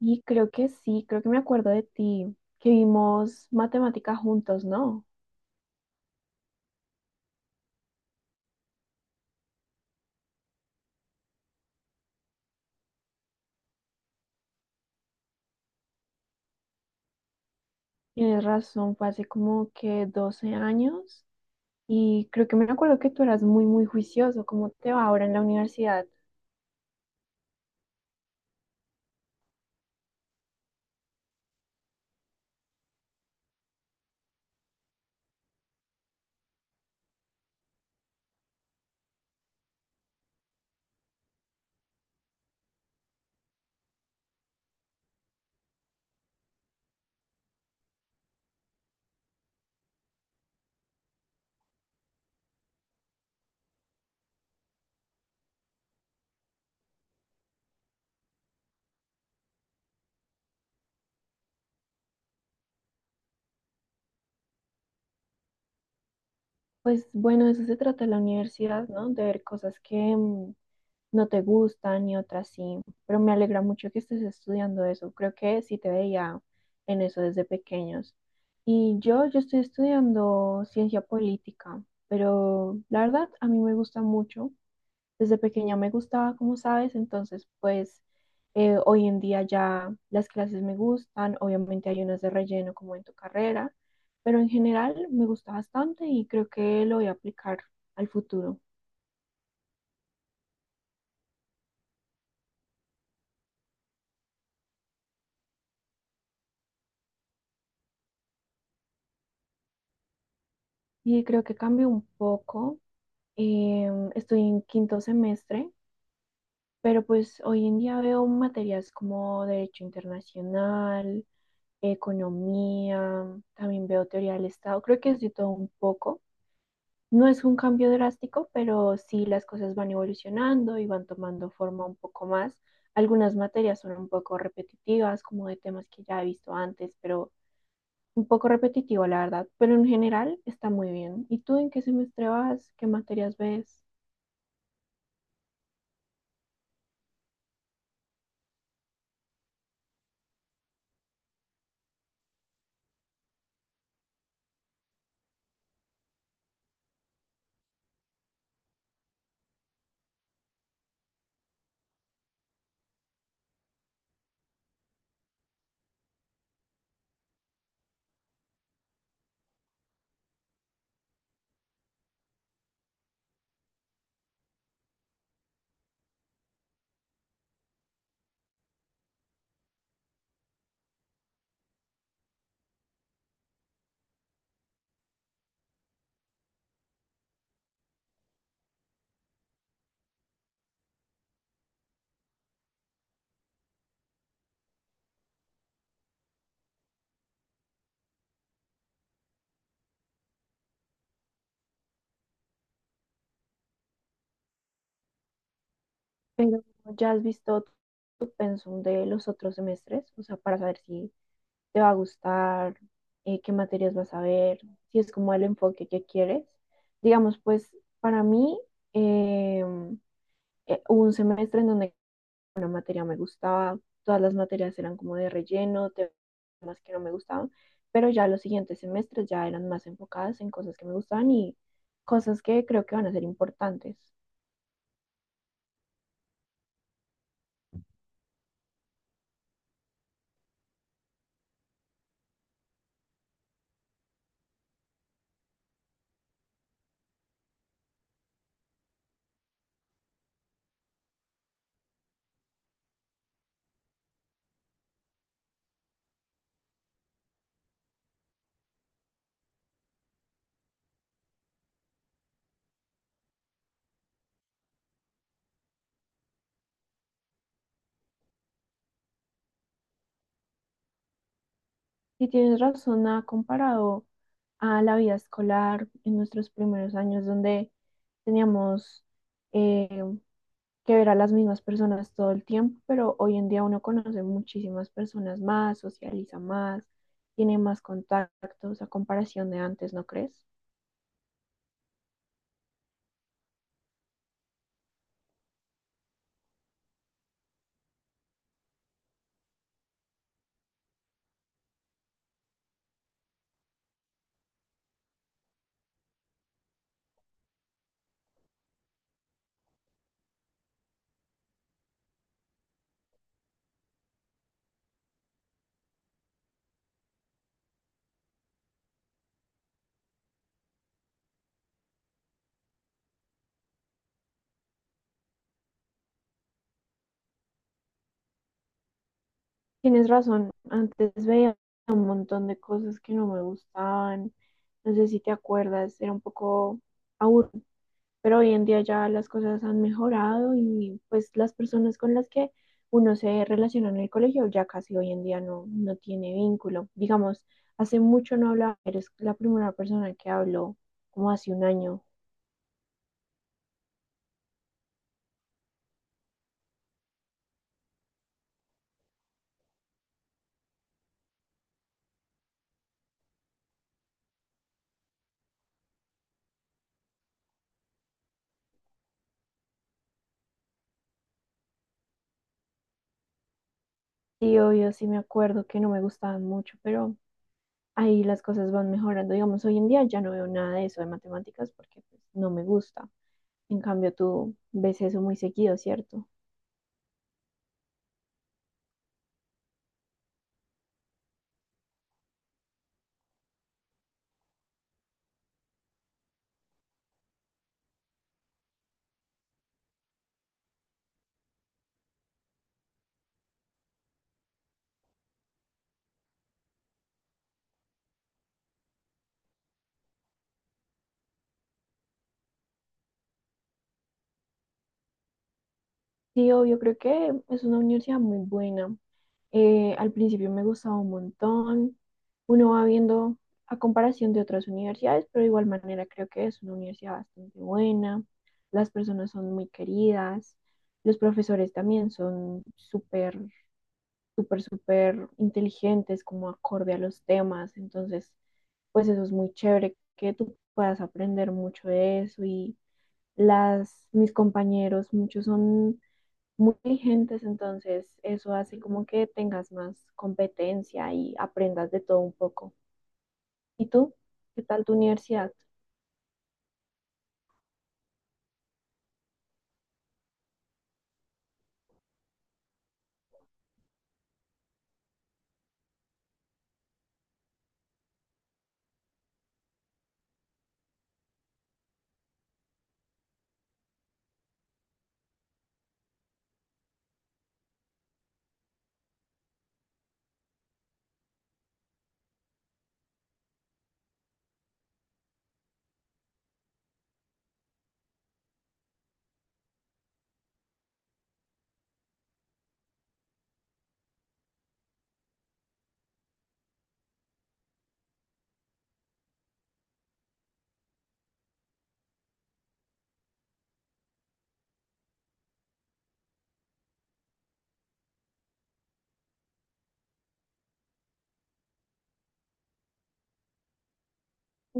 Y creo que sí, creo que me acuerdo de ti, que vimos matemática juntos, ¿no? Tienes razón, fue hace como que 12 años y creo que me acuerdo que tú eras muy, muy juicioso. ¿Cómo te va ahora en la universidad? Pues bueno, de eso se trata la universidad, ¿no? De ver cosas que, no te gustan y otras sí, pero me alegra mucho que estés estudiando eso. Creo que sí te veía en eso desde pequeños. Y yo estoy estudiando ciencia política, pero la verdad a mí me gusta mucho. Desde pequeña me gustaba, como sabes, entonces pues hoy en día ya las clases me gustan, obviamente hay unas de relleno como en tu carrera, pero en general me gusta bastante y creo que lo voy a aplicar al futuro. Y creo que cambió un poco. Estoy en quinto semestre, pero pues hoy en día veo materias como Derecho Internacional, Economía, también veo Teoría del Estado, creo que es de todo un poco. No es un cambio drástico, pero sí las cosas van evolucionando y van tomando forma un poco más. Algunas materias son un poco repetitivas, como de temas que ya he visto antes, pero un poco repetitivo, la verdad. Pero en general está muy bien. ¿Y tú en qué semestre vas? ¿Qué materias ves? Pero ya has visto tu pensum de los otros semestres, o sea, para saber si te va a gustar, qué materias vas a ver, si es como el enfoque que quieres. Digamos, pues para mí eh, hubo un semestre en donde una materia me gustaba, todas las materias eran como de relleno, temas que no me gustaban, pero ya los siguientes semestres ya eran más enfocadas en cosas que me gustaban y cosas que creo que van a ser importantes. Si tienes razón, ha comparado a la vida escolar en nuestros primeros años, donde teníamos eh, que ver a las mismas personas todo el tiempo, pero hoy en día uno conoce muchísimas personas más, socializa más, tiene más contactos a comparación de antes, ¿no crees? Tienes razón, antes veía un montón de cosas que no me gustaban, no sé si te acuerdas, era un poco aburrido, pero hoy en día ya las cosas han mejorado y pues las personas con las que uno se relaciona en el colegio ya casi hoy en día no, no tiene vínculo. Digamos, hace mucho no hablaba, eres la primera persona que habló como hace un año. Sí, obvio, sí me acuerdo que no me gustaban mucho, pero ahí las cosas van mejorando. Digamos, hoy en día ya no veo nada de eso de matemáticas porque pues, no me gusta. En cambio, tú ves eso muy seguido, ¿cierto? Sí, obvio, creo que es una universidad muy buena. Al principio me gustaba un montón. Uno va viendo a comparación de otras universidades, pero de igual manera creo que es una universidad bastante buena. Las personas son muy queridas. Los profesores también son súper, súper, súper inteligentes, como acorde a los temas. Entonces, pues eso es muy chévere que tú puedas aprender mucho de eso. Y las, mis compañeros, muchos son muy vigentes, entonces eso hace como que tengas más competencia y aprendas de todo un poco. ¿Y tú? ¿Qué tal tu universidad?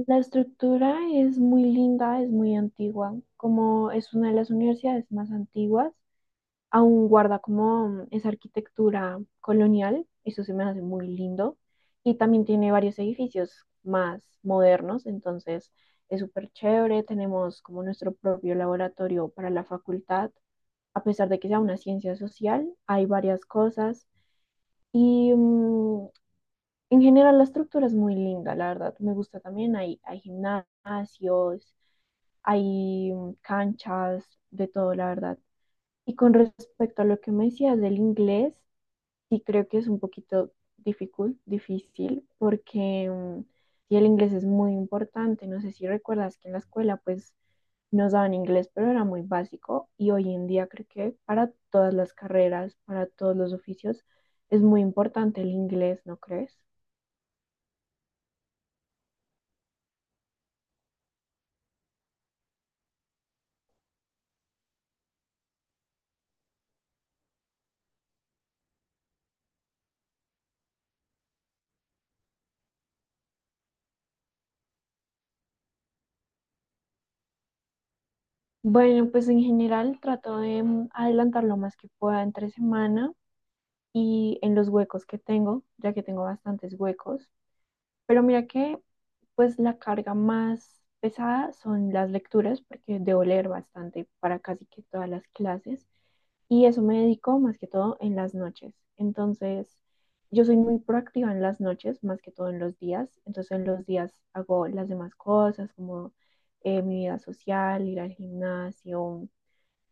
La estructura es muy linda, es muy antigua, como es una de las universidades más antiguas, aún guarda como esa arquitectura colonial, eso se me hace muy lindo, y también tiene varios edificios más modernos, entonces es súper chévere, tenemos como nuestro propio laboratorio para la facultad, a pesar de que sea una ciencia social, hay varias cosas y, en general la estructura es muy linda, la verdad, me gusta también, hay gimnasios, hay, canchas, de todo, la verdad. Y con respecto a lo que me decías del inglés, sí creo que es un poquito difícil, difícil, porque, sí, el inglés es muy importante. No sé si recuerdas que en la escuela pues nos daban inglés, pero era muy básico y hoy en día creo que para todas las carreras, para todos los oficios, es muy importante el inglés, ¿no crees? Bueno, pues en general trato de, adelantar lo más que pueda entre semana y en los huecos que tengo, ya que tengo bastantes huecos. Pero mira que, pues la carga más pesada son las lecturas, porque debo leer bastante para casi que todas las clases. Y eso me dedico más que todo en las noches. Entonces, yo soy muy proactiva en las noches, más que todo en los días. Entonces, en los días hago las demás cosas, como mi vida social, ir al gimnasio,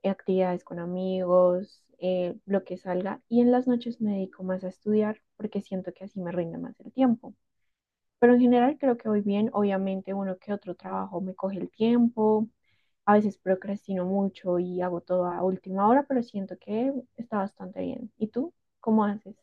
actividades con amigos, lo que salga. Y en las noches me dedico más a estudiar, porque siento que así me rinde más el tiempo. Pero en general creo que voy bien. Obviamente uno que otro trabajo me coge el tiempo. A veces procrastino mucho y hago todo a última hora, pero siento que está bastante bien. ¿Y tú? ¿Cómo haces?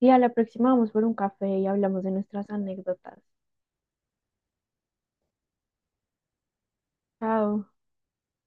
Sí, a la próxima vamos por un café y hablamos de nuestras anécdotas. Chao.